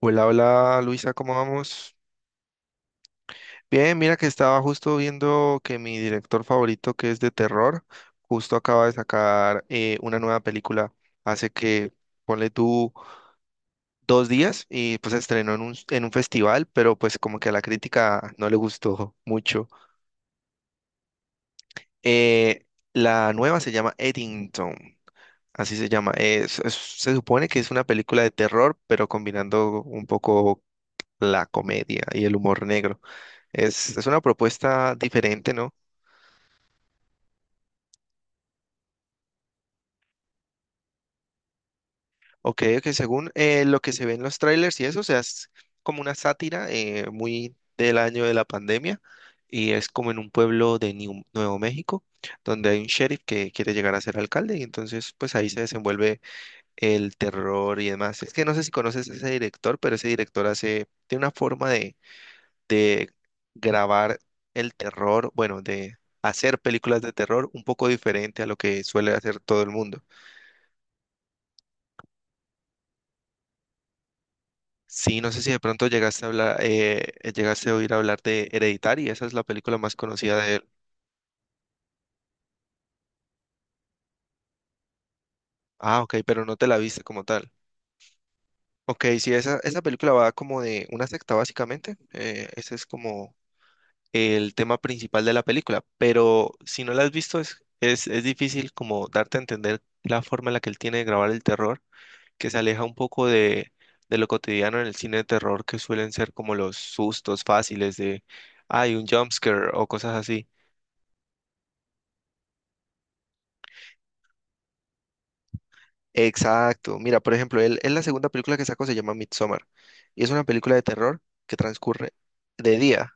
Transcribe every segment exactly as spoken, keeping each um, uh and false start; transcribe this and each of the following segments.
Hola, hola Luisa, ¿cómo vamos? Bien, mira que estaba justo viendo que mi director favorito, que es de terror, justo acaba de sacar eh, una nueva película hace que, ponle tú, dos días y pues se estrenó en un, en un festival, pero pues como que a la crítica no le gustó mucho. Eh, la nueva se llama Eddington, así se llama. Es- es- se supone que es una película de terror, pero combinando un poco la comedia y el humor negro. Es, es una propuesta diferente, ¿no? Ok, que según eh, lo que se ve en los trailers y eso, o sea, es como una sátira eh, muy del año de la pandemia y es como en un pueblo de Niu- Nuevo México, donde hay un sheriff que quiere llegar a ser alcalde y entonces pues ahí se desenvuelve el terror y demás. Es que no sé si conoces a ese director, pero ese director hace, tiene una forma de, de grabar el terror, bueno, de hacer películas de terror un poco diferente a lo que suele hacer todo el mundo. Sí, no sé si de pronto llegaste a hablar, eh, eh, llegaste a oír hablar de Hereditary, esa es la película más conocida de él. Ah, ok, pero no te la viste como tal. Ok, sí, esa, esa película va como de una secta básicamente, eh, ese es como el tema principal de la película, pero si no la has visto es, es, es difícil como darte a entender la forma en la que él tiene de grabar el terror, que se aleja un poco de, de lo cotidiano en el cine de terror, que suelen ser como los sustos fáciles de, hay un jumpscare o cosas así. Exacto. Mira, por ejemplo, él, él la segunda película que sacó se llama Midsommar y es una película de terror que transcurre de día.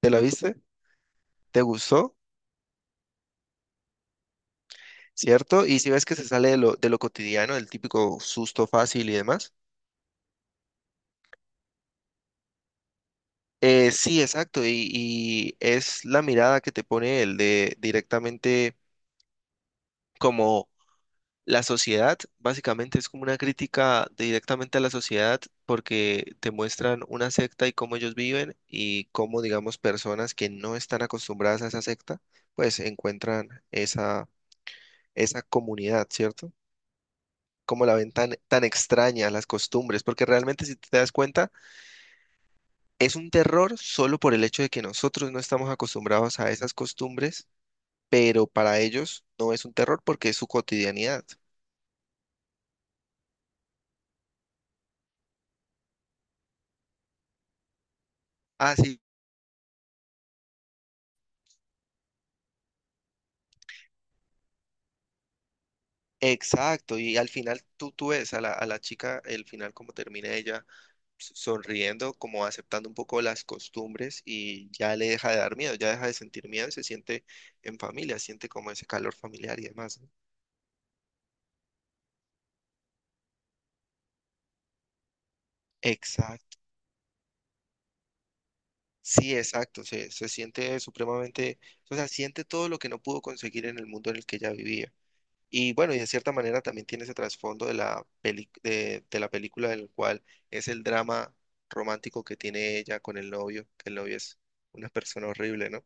¿Te la viste? ¿Te gustó? ¿Cierto? Y si ves que se sale de lo, de lo cotidiano, del típico susto fácil y demás. Eh, sí, exacto. Y, y es la mirada que te pone él de directamente como la sociedad. Básicamente es como una crítica directamente a la sociedad porque te muestran una secta y cómo ellos viven y cómo, digamos, personas que no están acostumbradas a esa secta, pues encuentran esa, esa comunidad, ¿cierto? Cómo la ven tan, tan extraña, las costumbres, porque realmente si te das cuenta, es un terror solo por el hecho de que nosotros no estamos acostumbrados a esas costumbres, pero para ellos no es un terror porque es su cotidianidad. Así exacto, y al final tú, tú ves a la, a la chica, el final como termina ella s- sonriendo, como aceptando un poco las costumbres y ya le deja de dar miedo, ya deja de sentir miedo y se siente en familia, siente como ese calor familiar y demás, ¿no? Exacto, sí, exacto, se, se siente supremamente, o sea, siente todo lo que no pudo conseguir en el mundo en el que ella vivía. Y bueno, y de cierta manera también tiene ese trasfondo de la peli- de, de la película, del cual es el drama romántico que tiene ella con el novio, que el novio es una persona horrible, ¿no?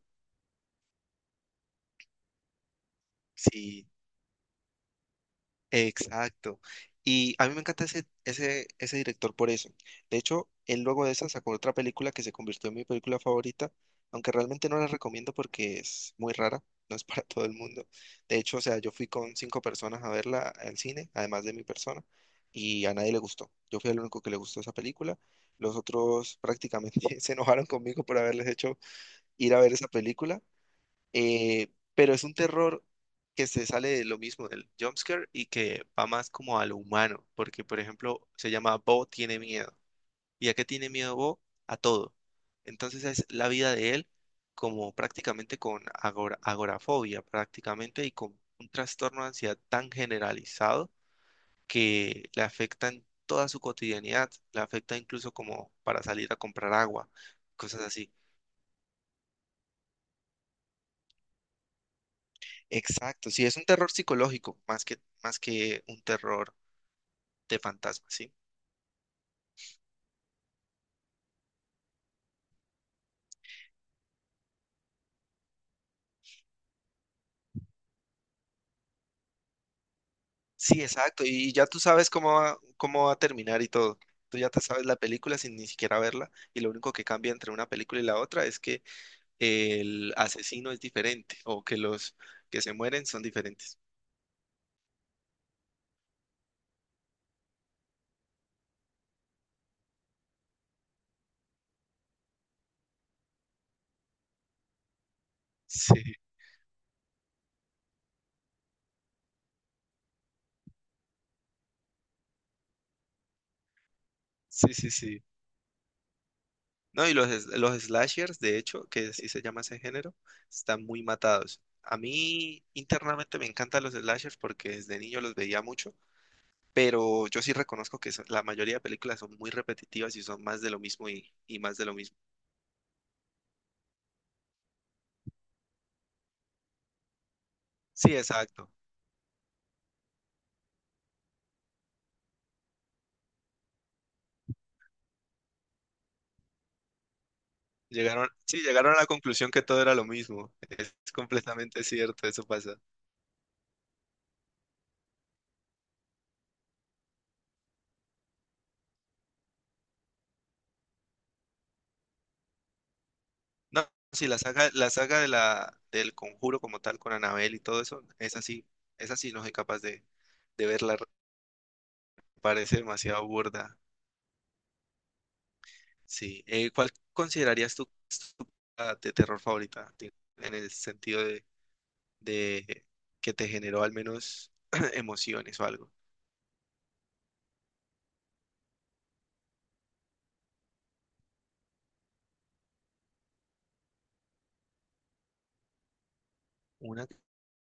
Sí, exacto. Y a mí me encanta ese, ese, ese director por eso. De hecho, él luego de esa sacó otra película que se convirtió en mi película favorita, aunque realmente no la recomiendo porque es muy rara, no es para todo el mundo. De hecho, o sea, yo fui con cinco personas a verla al cine, además de mi persona, y a nadie le gustó. Yo fui el único que le gustó esa película. Los otros prácticamente se enojaron conmigo por haberles hecho ir a ver esa película, eh, pero es un terror que se sale de lo mismo del jumpscare y que va más como a lo humano, porque por ejemplo se llama Bo tiene miedo. ¿Y a qué tiene miedo Bo? A todo. Entonces es la vida de él como prácticamente con agora- agorafobia prácticamente y con un trastorno de ansiedad tan generalizado que le afecta en toda su cotidianidad, le afecta incluso como para salir a comprar agua, cosas así. Exacto, sí, es un terror psicológico más que, más que un terror de fantasma, ¿sí? Sí, exacto, y ya tú sabes cómo va, cómo va a terminar y todo. Tú ya te sabes la película sin ni siquiera verla y lo único que cambia entre una película y la otra es que el asesino es diferente o que los que se mueren son diferentes. Sí, sí, sí, sí. No, y los, es- los slashers, de hecho, que así se llama ese género, están muy matados. A mí internamente me encantan los slashers porque desde niño los veía mucho, pero yo sí reconozco que son- la mayoría de películas son muy repetitivas y son más de lo mismo y, y más de lo mismo. Sí, exacto. Llegaron, sí, llegaron a la conclusión que todo era lo mismo. Es completamente cierto, eso pasa. No, sí, la saga, la saga de la, del Conjuro como tal, con Anabel y todo eso, es así, es así, no soy capaz de, de verla, parece demasiado burda. Sí, Eh, ¿cuál considerarías tu, tu película de terror favorita? Digo, en el sentido de de que te generó al menos emociones o algo. Una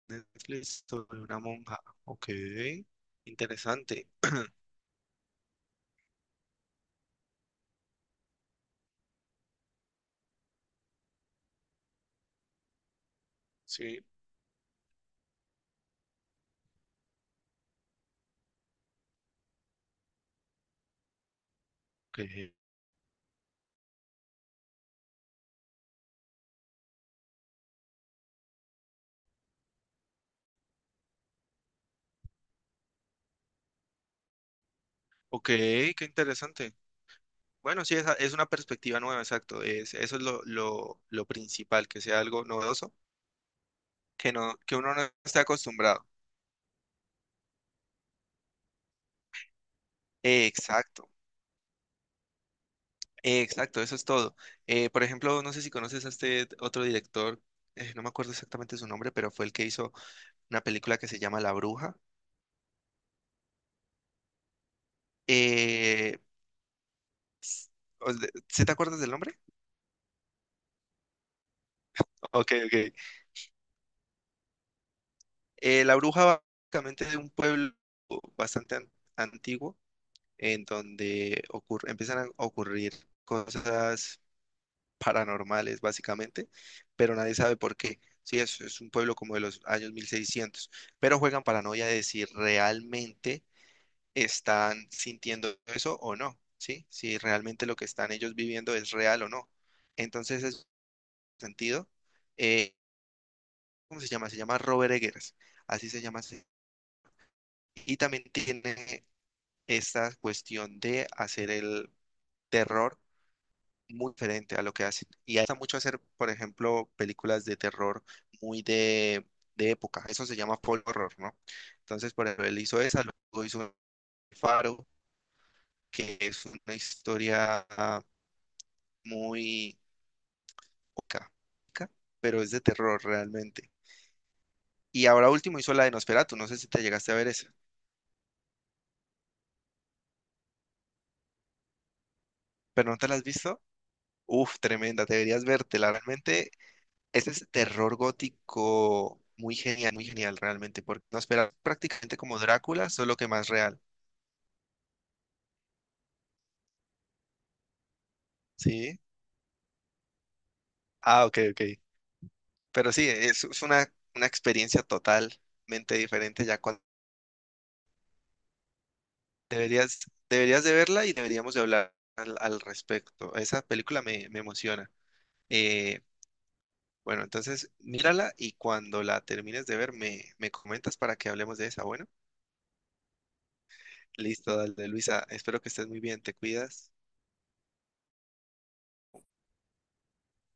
Netflix sobre una monja. Ok, interesante. Sí, ok. Ok, qué interesante. Bueno, sí, es, es una perspectiva nueva, exacto. Es, eso es lo, lo, lo principal, que sea algo novedoso, que no, que uno no esté acostumbrado. Exacto, exacto, eso es todo. Eh, por ejemplo, no sé si conoces a este otro director, eh, no me acuerdo exactamente su nombre, pero fue el que hizo una película que se llama La Bruja. Eh, ¿sí te acuerdas del nombre? Ok, ok. Eh, la bruja va básicamente de un pueblo bastante an- antiguo en donde ocurre, empiezan a ocurrir cosas paranormales básicamente, pero nadie sabe por qué. Sí, es, es un pueblo como de los años mil seiscientos, pero juegan paranoia de si realmente están sintiendo eso o no, ¿sí? Si realmente lo que están ellos viviendo es real o no. Entonces, es sentido. Eh, cómo se llama, se llama Robert Eggers, así se llama. ese- Y también tiene esta cuestión de hacer el terror muy diferente a lo que hacen. Y hace mucho hacer, por ejemplo, películas de terror muy de, de época. Eso se llama folk horror, ¿no? Entonces, por ejemplo, él hizo esa, luego hizo Faro, que es una historia muy poca, pero es de terror realmente. Y ahora último hizo la de Nosferatu, no sé si te llegaste a ver esa, pero no te la has visto. Uf, tremenda, deberías vértela. Realmente, ese es terror gótico muy genial, muy genial realmente, porque no espera prácticamente como Drácula, solo que más real. ¿Sí? Ah, ok, ok. Pero sí, es, es una, una experiencia totalmente diferente ya cuando deberías, deberías de verla y deberíamos de hablar al, al respecto. Esa película me, me emociona. Eh, bueno, entonces mírala y cuando la termines de ver me, me comentas para que hablemos de esa. Bueno, listo, dale, Luisa. Espero que estés muy bien. Te cuidas.